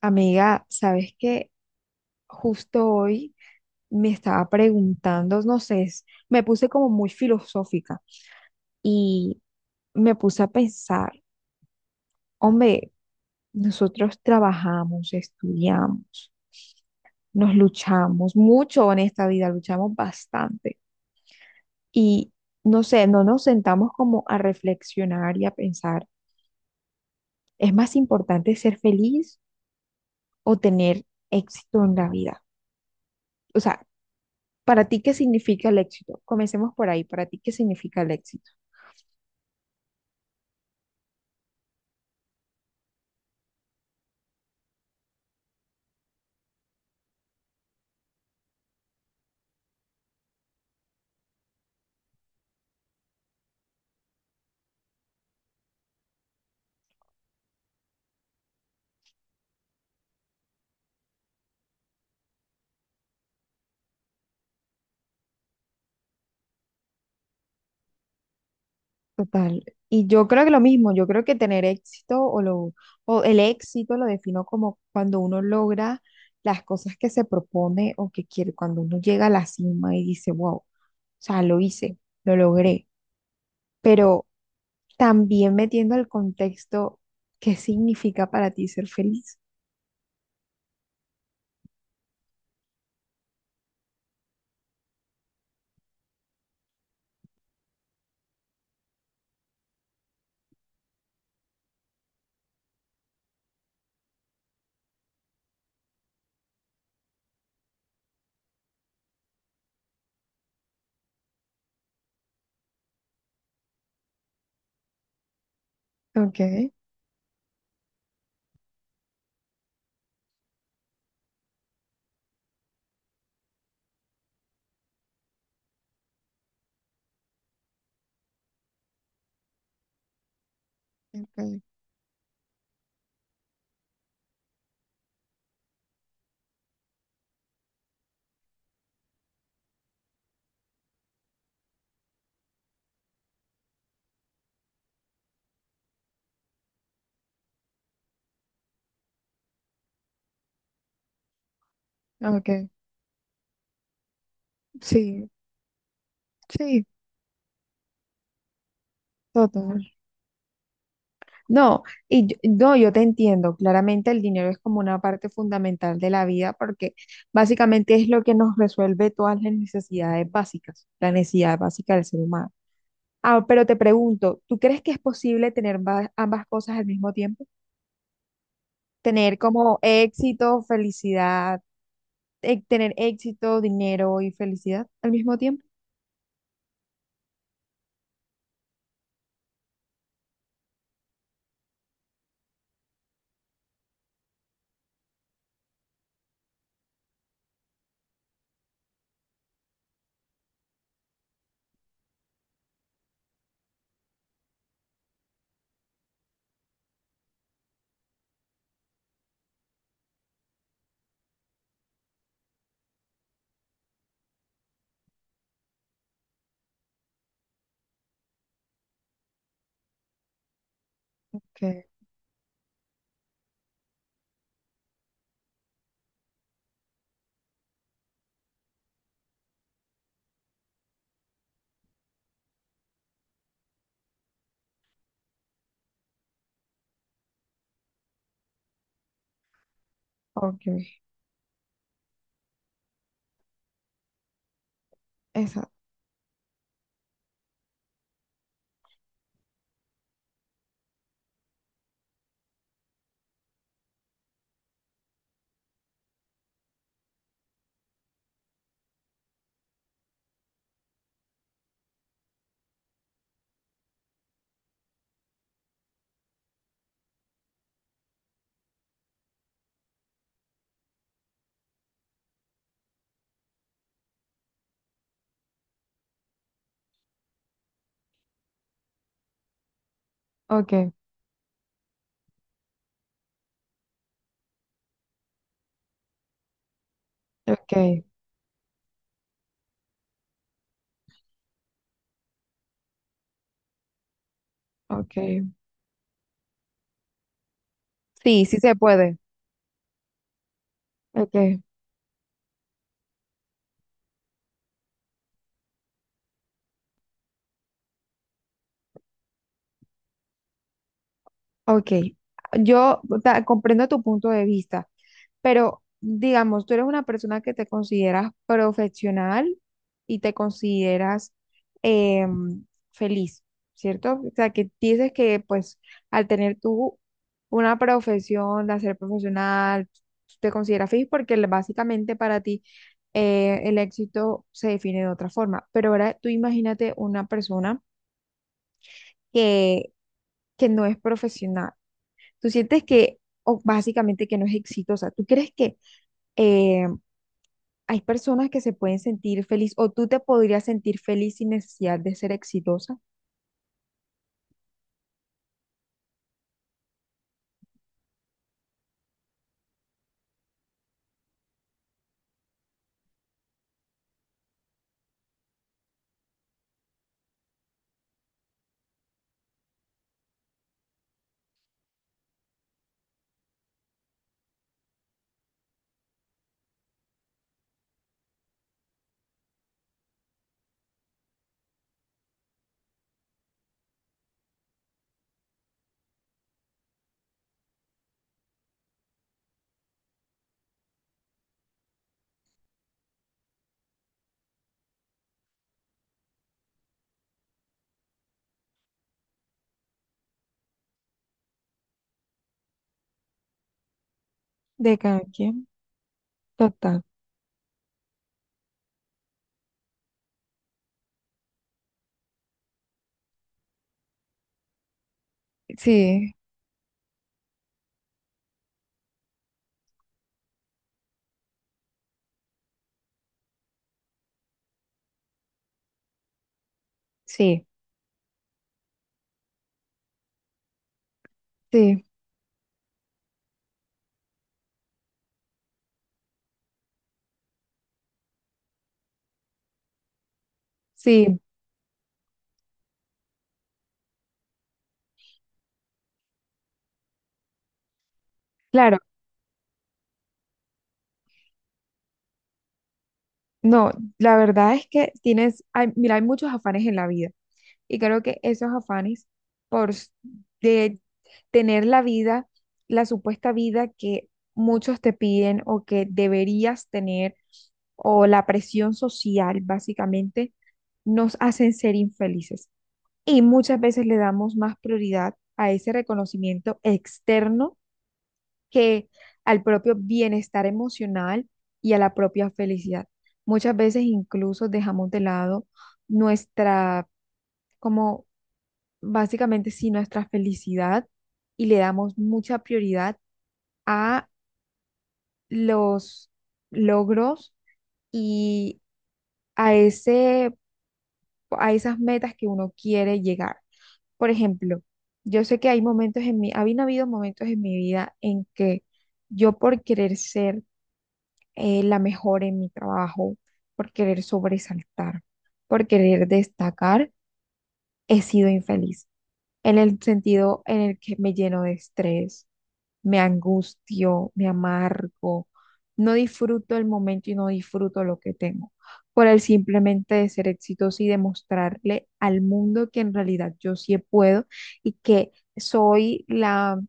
Amiga, ¿sabes qué? Justo hoy me estaba preguntando, no sé, me puse como muy filosófica y me puse a pensar, hombre, nosotros trabajamos, estudiamos, nos luchamos mucho en esta vida, luchamos bastante y no sé, no nos sentamos como a reflexionar y a pensar, ¿es más importante ser feliz o tener éxito en la vida? O sea, para ti, ¿qué significa el éxito? Comencemos por ahí. Para ti, ¿qué significa el éxito? Total. Y yo creo que lo mismo, yo creo que tener éxito o el éxito lo defino como cuando uno logra las cosas que se propone o que quiere, cuando uno llega a la cima y dice, wow, o sea, lo hice, lo logré. Pero también metiendo el contexto, ¿qué significa para ti ser feliz? Ok, ok, ok, sí, sí, total. No, no, yo te entiendo, claramente el dinero es como una parte fundamental de la vida porque básicamente es lo que nos resuelve todas las necesidades básicas, la necesidad básica del ser humano. Ah, pero te pregunto, ¿tú crees que es posible tener ambas cosas al mismo tiempo? Tener como éxito, felicidad, tener éxito, dinero y felicidad al mismo tiempo. Okay, okay, esa, okay, okay, okay, sí, sí se puede. Okay, okay. Comprendo tu punto de vista, pero digamos, tú eres una persona que te consideras profesional y te consideras, em, feliz, ¿cierto? O sea, que dices que pues al tener tú una profesión, de ser profesional, tú te consideras feliz porque básicamente para ti, el éxito se define de otra forma. Pero ahora tú imagínate una persona que, que no es profesional. Tú sientes que, o básicamente que no es exitosa. ¿Tú crees que... em, hay personas que se pueden sentir feliz o tú te podrías sentir feliz sin necesidad de ser exitosa? De cada quien. Total. Sí, sí, sí, sí, claro. No, la verdad es que tienes, mira, hay muchos afanes en la vida y creo que esos afanes por s- de tener la vida, la supuesta vida que muchos te piden o que deberías tener o la presión social, básicamente, nos hacen ser infelices. Y muchas veces le damos más prioridad a ese reconocimiento externo que al propio bienestar emocional y a la propia felicidad. Muchas veces incluso dejamos de lado nuestra, como básicamente sí, nuestra felicidad y le damos mucha prioridad a los logros y a ese, a esas metas que uno quiere llegar. Por ejemplo, yo sé que hay momentos en habían habido momentos en mi vida en que yo por querer ser, la mejor en mi trabajo, por querer sobresaltar, por querer destacar, he sido infeliz en el sentido en el que me lleno de estrés, me angustio, me amargo, no disfruto el momento y no disfruto lo que tengo, por el simplemente de ser exitoso y demostrarle al mundo que en realidad yo sí puedo y que soy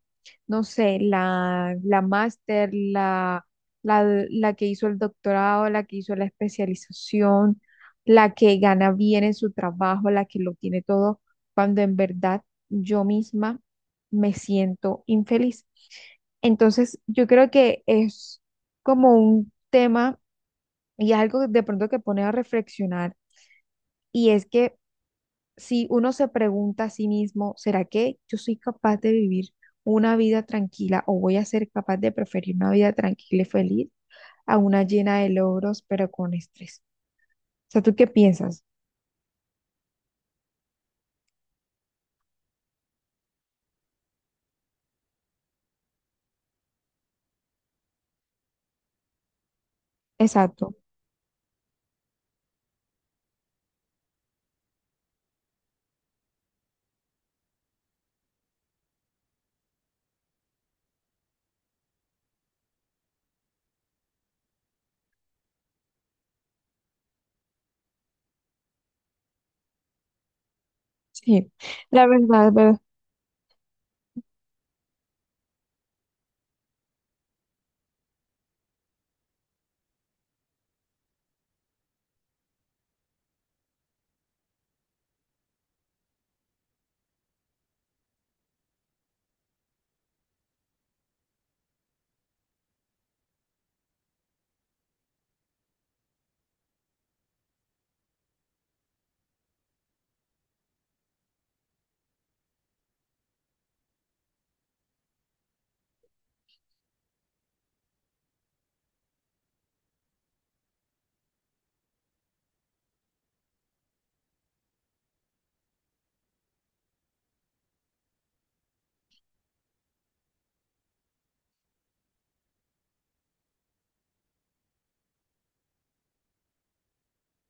no sé, la máster, la que hizo el doctorado, la que hizo la especialización, la que gana bien en su trabajo, la que lo tiene todo, cuando en verdad yo misma me siento infeliz. Entonces, yo creo que es como un tema y algo de pronto que pone a reflexionar, y es que si uno se pregunta a sí mismo, ¿será que yo soy capaz de vivir una vida tranquila o voy a ser capaz de preferir una vida tranquila y feliz a una llena de logros pero con estrés? O sea, ¿tú qué piensas? Exacto. Sí, la verdad,